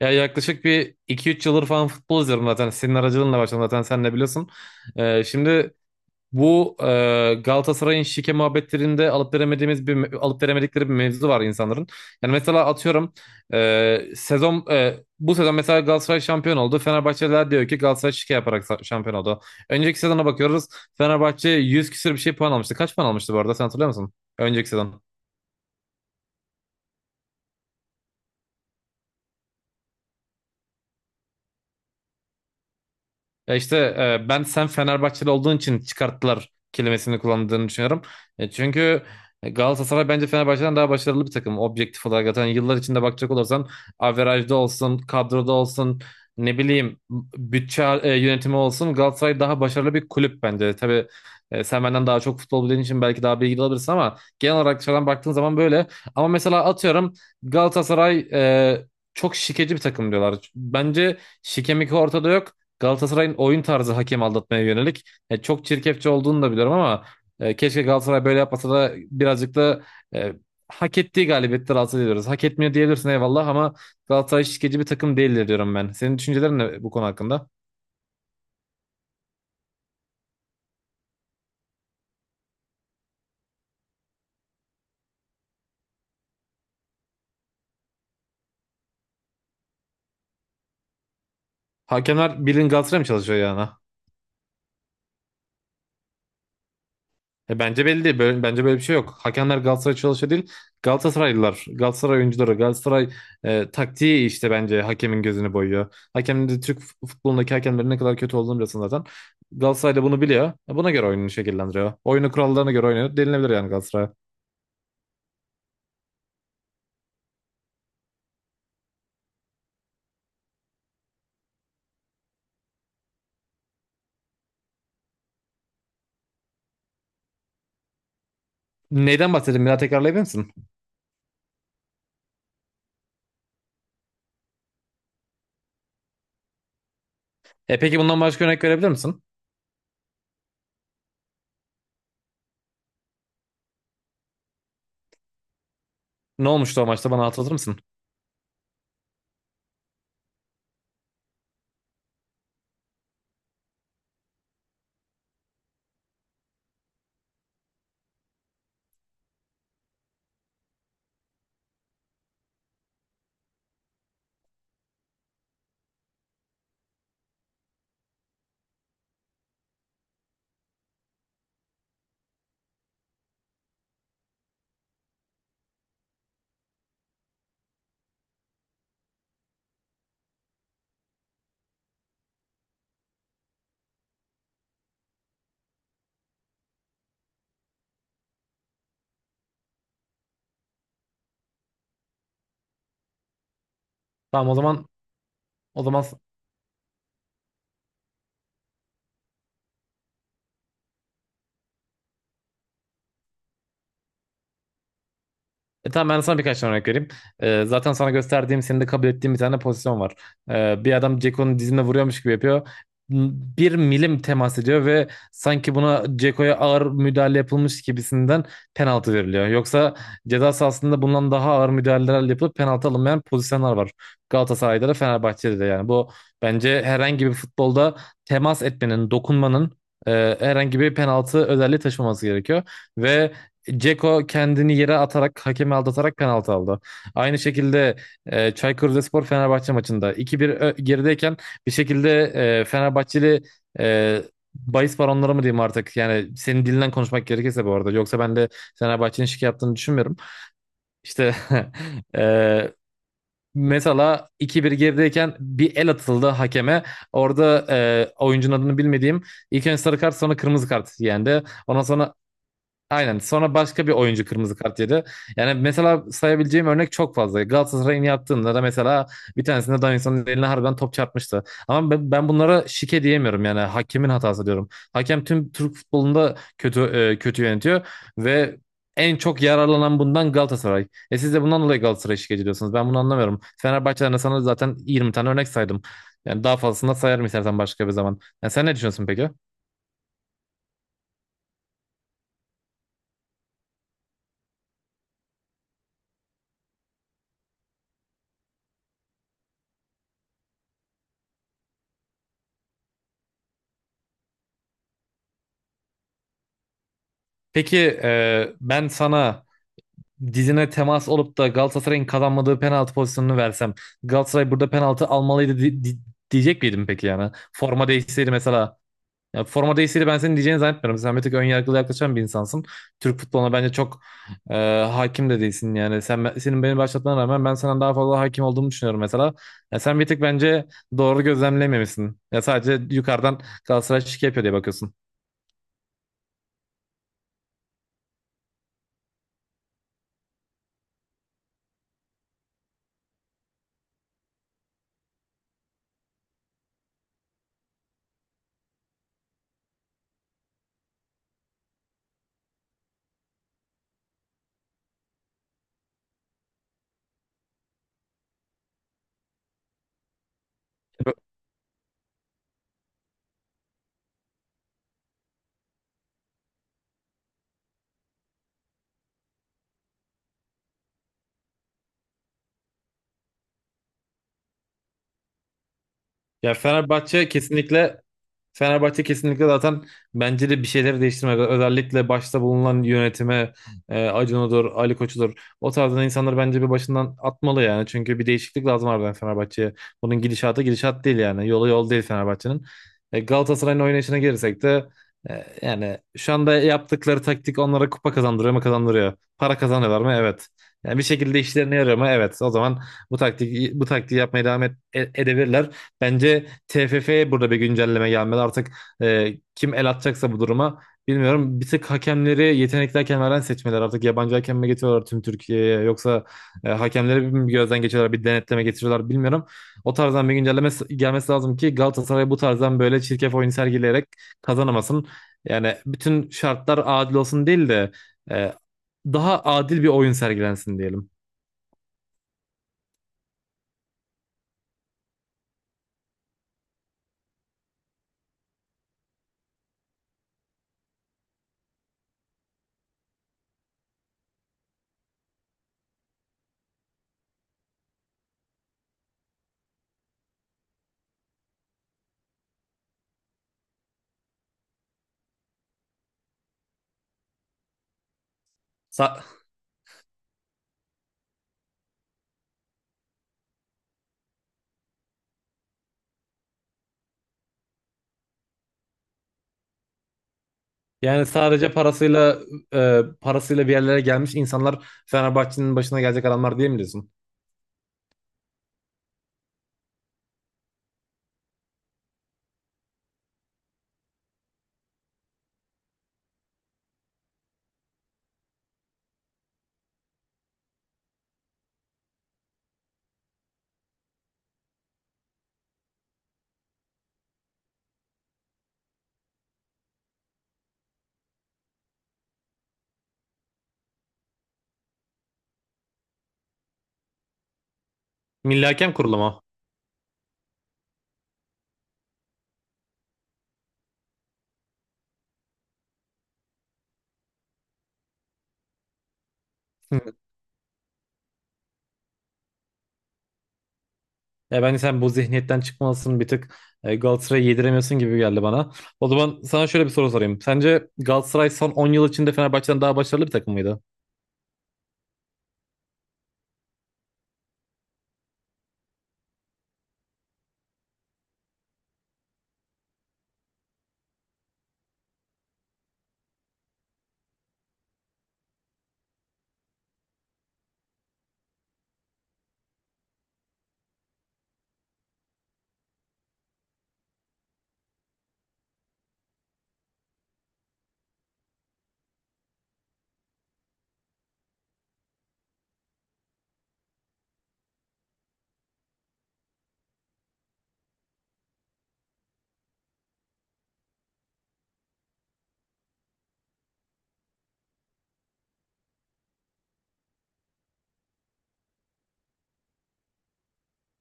Ya yaklaşık bir iki üç yıldır falan futbol izliyorum zaten. Senin aracılığınla başladım zaten sen de biliyorsun. Şimdi bu Galatasaray'ın şike muhabbetlerinde alıp veremedikleri bir mevzu var insanların. Yani mesela atıyorum bu sezon mesela Galatasaray şampiyon oldu. Fenerbahçeliler diyor ki Galatasaray şampiyon oldu. Önceki sezona bakıyoruz. Fenerbahçe 100 küsür bir şey puan almıştı. Kaç puan almıştı bu arada sen hatırlıyor musun? Önceki sezon. Ya işte ben sen Fenerbahçeli olduğun için çıkarttılar kelimesini kullandığını düşünüyorum. Çünkü Galatasaray bence Fenerbahçe'den daha başarılı bir takım objektif olarak. Zaten yıllar içinde bakacak olursan averajda olsun, kadroda olsun, ne bileyim yönetimi olsun Galatasaray daha başarılı bir kulüp bence. Tabii sen benden daha çok futbol bildiğin için belki daha bilgili olabilirsin ama genel olarak dışarıdan baktığın zaman böyle. Ama mesela atıyorum Galatasaray çok şikeci bir takım diyorlar. Bence şikemik ortada yok. Galatasaray'ın oyun tarzı hakem aldatmaya yönelik. Çok çirkefçe olduğunu da biliyorum ama keşke Galatasaray böyle yapmasa da birazcık da e, hak ettiği galibiyetleri alsa diyoruz. Hak etmiyor diyebilirsin eyvallah ama Galatasaray şişkeci bir takım değildir diyorum ben. Senin düşüncelerin ne bu konu hakkında? Hakemler bilin Galatasaray mı çalışıyor yani? Bence belli değil. Bence böyle bir şey yok. Hakemler Galatasaray çalışıyor değil. Galatasaraylılar, Galatasaray oyuncuları, Galatasaray taktiği işte bence hakemin gözünü boyuyor. Hakemin de futbolundaki hakemlerin ne kadar kötü olduğunu biliyorsun zaten. Galatasaray da bunu biliyor. E, buna göre oyununu şekillendiriyor. Oyunu kurallarına göre oynuyor. Denilebilir yani Galatasaray. Neyden bahsedeyim? Bir daha tekrarlayabilir misin? Peki bundan başka örnek verebilir misin? Ne olmuştu o maçta bana hatırlatır mısın? Tamam o zaman o zaman Tamam, ben sana birkaç tane örnek vereyim. Zaten sana gösterdiğim, senin de kabul ettiğim bir tane pozisyon var. Bir adam Ceko'nun dizine vuruyormuş gibi yapıyor. M- Bir milim temas ediyor ve sanki buna Ceko'ya ağır müdahale yapılmış gibisinden penaltı veriliyor. Yoksa ceza sahasında bundan daha ağır müdahaleler yapılıp penaltı alınmayan pozisyonlar var. Galatasaray'da da Fenerbahçe'de de yani bu bence herhangi bir futbolda temas etmenin, dokunmanın herhangi bir penaltı özelliği taşımaması gerekiyor. Ve Ceko kendini yere atarak, hakemi aldatarak penaltı aldı. Aynı şekilde Çaykur Rizespor Fenerbahçe maçında 2-1 gerideyken bir şekilde Fenerbahçeli e, bahis baronları mı diyeyim artık? Yani senin dilinden konuşmak gerekirse bu arada. Yoksa ben de Fenerbahçe'nin şike yaptığını düşünmüyorum. İşte e, mesela 2-1 gerideyken bir el atıldı hakeme. Orada oyuncunun adını bilmediğim ilk önce sarı kart sonra kırmızı kart yendi. Ondan sonra aynen. Sonra başka bir oyuncu kırmızı kart yedi. Yani mesela sayabileceğim örnek çok fazla. Galatasaray'ın yaptığında da mesela bir tanesinde Davinson'un eline harbiden top çarpmıştı. Ama ben bunlara şike diyemiyorum yani hakemin hatası diyorum. Hakem tüm Türk futbolunda kötü yönetiyor ve en çok yararlanan bundan Galatasaray. E siz de bundan dolayı Galatasaray'ı şikayet ediyorsunuz. Ben bunu anlamıyorum. Fenerbahçe'den de sana zaten 20 tane örnek saydım. Yani daha fazlasını da sayarım istersen başka bir zaman. Yani sen ne düşünüyorsun peki? Peki ben sana dizine temas olup da Galatasaray'ın kazanmadığı penaltı pozisyonunu versem Galatasaray burada penaltı almalıydı diyecek miydim peki yani? Forma değişseydi mesela. Ya forma değişseydi ben senin diyeceğini zannetmiyorum. Sen bir tık ön yargılı yaklaşan bir insansın. Türk futboluna bence çok e, hakim de değilsin yani. Senin beni başlatmana rağmen ben senden daha fazla hakim olduğumu düşünüyorum mesela. Ya sen bir tık bence doğru gözlemlememişsin. Ya sadece yukarıdan Galatasaray şike yapıyor diye bakıyorsun. Ya Fenerbahçe kesinlikle zaten bence de bir şeyleri değiştirmek. Özellikle başta bulunan yönetime Acun Odur, Ali Koç'udur. O tarzdan insanları bence bir başından atmalı yani. Çünkü bir değişiklik lazım harbiden Fenerbahçe'ye. Bunun gidişatı gidişat değil yani. Yolu yol değil Fenerbahçe'nin. Galatasaray'ın oynayışına gelirsek de yani şu anda yaptıkları taktik onlara kupa kazandırıyor mu kazandırıyor. Para kazanıyorlar mı? Evet. Yani bir şekilde işlerine yarıyor mu? Evet. O zaman bu taktiği yapmaya devam edebilirler. Bence TFF'ye burada bir güncelleme gelmeli. Artık kim el atacaksa bu duruma bilmiyorum. Bir tık hakemleri yetenekli hakemlerden seçmeler. Artık yabancı hakem mi getiriyorlar tüm Türkiye'ye yoksa hakemleri bir gözden geçiriyorlar, bir denetleme getiriyorlar bilmiyorum. O tarzdan bir gelmesi lazım ki Galatasaray bu tarzdan böyle çirkef oyun sergileyerek kazanamasın. Yani bütün şartlar adil olsun değil de e, daha adil bir oyun sergilensin diyelim. Sa- Yani sadece parasıyla bir yerlere gelmiş insanlar Fenerbahçe'nin başına gelecek adamlar diye mi diyorsun? Milli Hakem Kurulu mu? Hı. Ya ben sen bu zihniyetten çıkmalısın bir tık Galatasaray'ı yediremiyorsun gibi geldi bana. O zaman sana şöyle bir soru sorayım. Sence Galatasaray son 10 yıl içinde Fenerbahçe'den daha başarılı bir takım mıydı?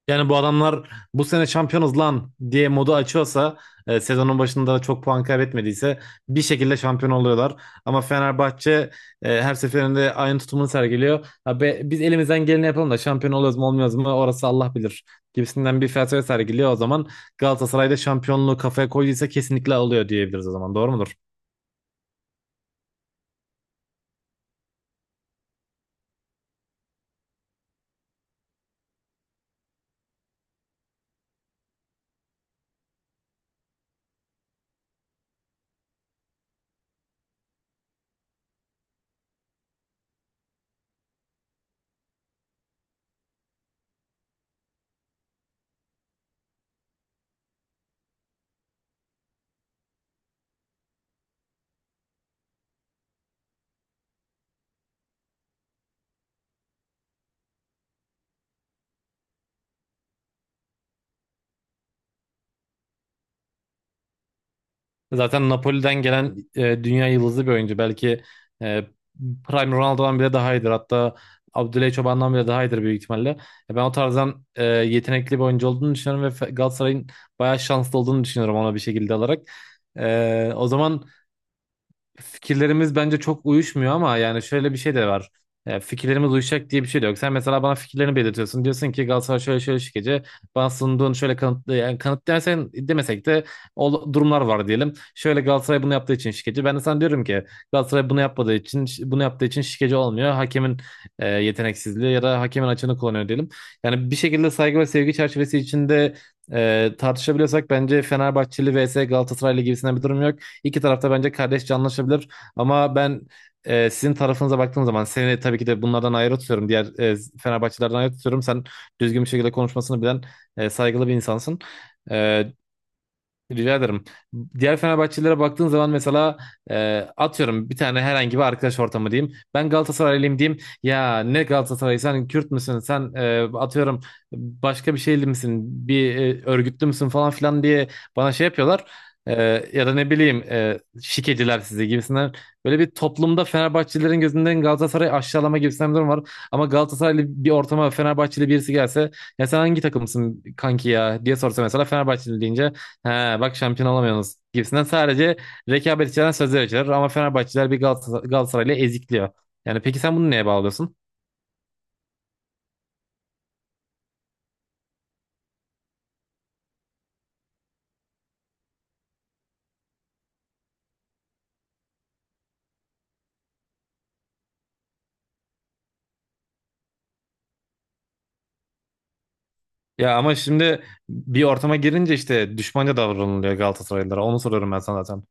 Yani bu adamlar bu sene şampiyonuz lan diye modu açıyorsa sezonun başında çok puan kaybetmediyse bir şekilde şampiyon oluyorlar. Ama Fenerbahçe her seferinde aynı tutumunu sergiliyor. Biz elimizden geleni yapalım da şampiyon oluyoruz mu olmuyoruz mu orası Allah bilir gibisinden bir felsefe sergiliyor. O zaman Galatasaray'da şampiyonluğu kafaya koyduysa kesinlikle alıyor diyebiliriz o zaman. Doğru mudur? Zaten Napoli'den gelen dünya yıldızı bir oyuncu. Belki e, Prime Ronaldo'dan bile daha iyidir. Hatta Abdüley Çoban'dan bile daha iyidir büyük ihtimalle. Ben o tarzdan yetenekli bir oyuncu olduğunu düşünüyorum ve Galatasaray'ın bayağı şanslı olduğunu düşünüyorum ona bir şekilde alarak. O zaman fikirlerimiz bence çok uyuşmuyor ama yani şöyle bir şey de var. Fikirlerimiz uyuşacak diye bir şey de yok. Sen mesela bana fikirlerini belirtiyorsun. Diyorsun ki Galatasaray şöyle şöyle şikeci. Bana sunduğun şöyle kanıt, yani kanıt dersen demesek de o durumlar var diyelim. Şöyle Galatasaray bunu yaptığı için şikeci. Ben de sana diyorum ki Galatasaray bunu yapmadığı için bunu yaptığı için şikeci olmuyor. Hakemin yeteneksizliği ya da hakemin açığını kullanıyor diyelim. Yani bir şekilde saygı ve sevgi çerçevesi içinde tartışabiliyorsak bence Fenerbahçeli vs Galatasaraylı gibisinden bir durum yok. İki tarafta bence kardeşçe anlaşabilir. Ama ben sizin tarafınıza baktığım zaman seni tabii ki de bunlardan ayrı tutuyorum. Diğer Fenerbahçelerden ayrı tutuyorum. Sen düzgün bir şekilde konuşmasını bilen saygılı bir insansın. E, rica ederim. Diğer Fenerbahçelilere baktığın zaman mesela atıyorum bir tane herhangi bir arkadaş ortamı diyeyim. Ben Galatasaraylıyım diyeyim. Ya ne Galatasaray sen Kürt müsün? Sen atıyorum başka bir şeyli misin? Bir örgütlü müsün falan filan diye bana şey yapıyorlar. E, Ya da ne bileyim şikeciler sizi gibisinden. Böyle bir toplumda Fenerbahçelilerin gözünden Galatasaray'ı aşağılama gibisinden bir durum var. Ama Galatasaraylı bir ortama Fenerbahçeli birisi gelse ya sen hangi takımsın kanki ya diye sorsa mesela Fenerbahçeli deyince he, bak şampiyon olamıyorsunuz gibisinden sadece rekabet içeren sözler içerir ama Fenerbahçeliler bir Galatasaray'la ezikliyor. Yani peki sen bunu neye bağlıyorsun? Ya ama şimdi bir ortama girince işte düşmanca davranılıyor Galatasaraylılara. Onu soruyorum ben sana zaten.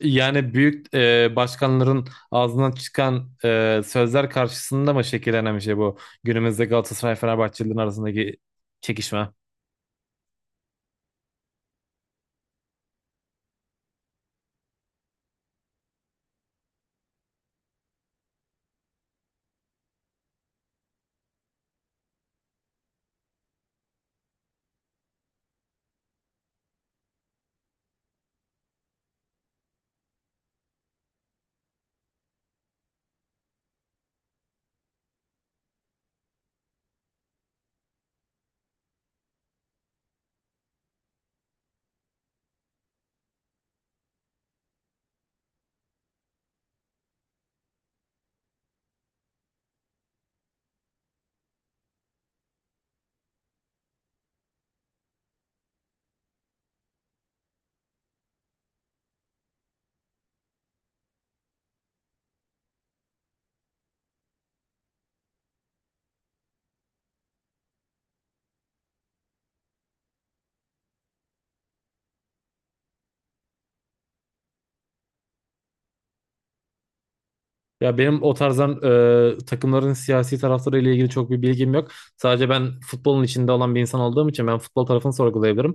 Yani büyük başkanların ağzından çıkan sözler karşısında mı şekillenen bir şey bu? Günümüzde Galatasaray Fenerbahçelilerin arasındaki çekişme. Ya benim o tarzdan takımların siyasi taraftarı ile ilgili çok bir bilgim yok. Sadece ben futbolun içinde olan bir insan olduğum için ben futbol tarafını sorgulayabilirim.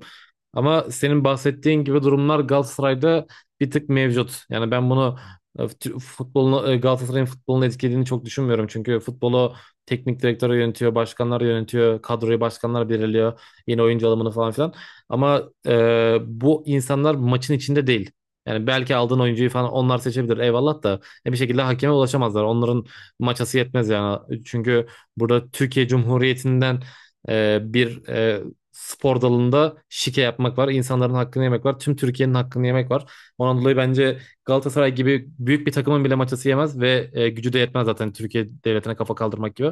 Ama senin bahsettiğin gibi durumlar Galatasaray'da bir tık mevcut. Yani ben bunu e, fut- futbolunu e, Galatasaray'ın futbolunu etkilediğini çok düşünmüyorum. Çünkü futbolu teknik direktörü yönetiyor, başkanlar yönetiyor, kadroyu başkanlar belirliyor, yeni oyuncu alımını falan filan. Ama bu insanlar maçın içinde değil. Yani belki aldığın oyuncuyu falan onlar seçebilir eyvallah da. Bir şekilde hakeme ulaşamazlar. Onların maçası yetmez yani. Çünkü burada Türkiye Cumhuriyeti'nden e, bir e, spor dalında şike yapmak var. İnsanların hakkını yemek var. Tüm Türkiye'nin hakkını yemek var. Ondan dolayı bence Galatasaray gibi büyük bir takımın bile maçası yemez ve gücü de yetmez zaten Türkiye devletine kafa kaldırmak gibi.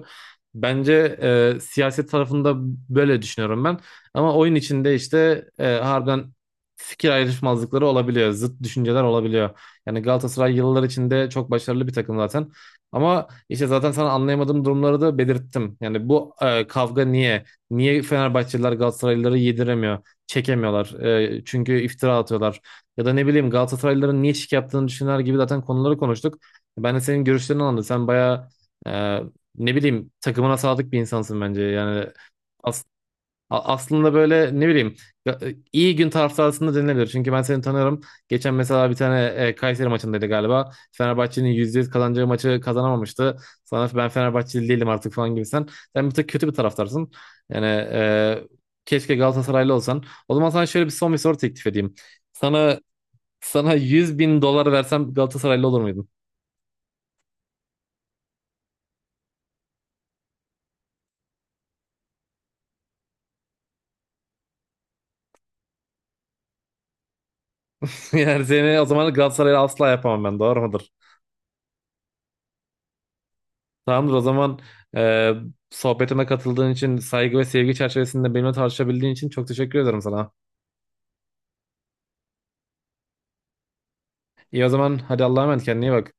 Bence siyaset tarafında böyle düşünüyorum ben. Ama oyun içinde işte harbiden fikir ayrışmazlıkları olabiliyor. Zıt düşünceler olabiliyor. Yani Galatasaray yıllar içinde çok başarılı bir takım zaten. Ama işte zaten sana anlayamadığım durumları da belirttim. Yani bu kavga niye? Niye Fenerbahçeliler Galatasaraylıları yediremiyor, çekemiyorlar? Çünkü iftira atıyorlar. Ya da ne bileyim Galatasaraylıların niye şık yaptığını düşünenler gibi zaten konuları konuştuk. Ben de senin görüşlerini anladım. Sen bayağı e, ne bileyim takımına sadık bir insansın bence. Yani aslında böyle ne bileyim iyi gün taraftarısında denilebilir. Çünkü ben seni tanıyorum. Geçen mesela bir tane Kayseri maçındaydı galiba. Fenerbahçe'nin 100% kazanacağı maçı kazanamamıştı. Sana ben Fenerbahçeli değilim artık falan gibi sen bir tık kötü bir taraftarsın. Yani keşke Galatasaraylı olsan. O zaman sana şöyle bir son bir soru teklif edeyim. Sana sana $100.000 versem Galatasaraylı olur muydun? Yani seni o zaman Galatasaraylı asla yapamam ben. Doğru mudur? Tamamdır o zaman e, sohbetime katıldığın için saygı ve sevgi çerçevesinde benimle tartışabildiğin için çok teşekkür ederim sana. İyi o zaman hadi Allah'a emanet kendine iyi bak.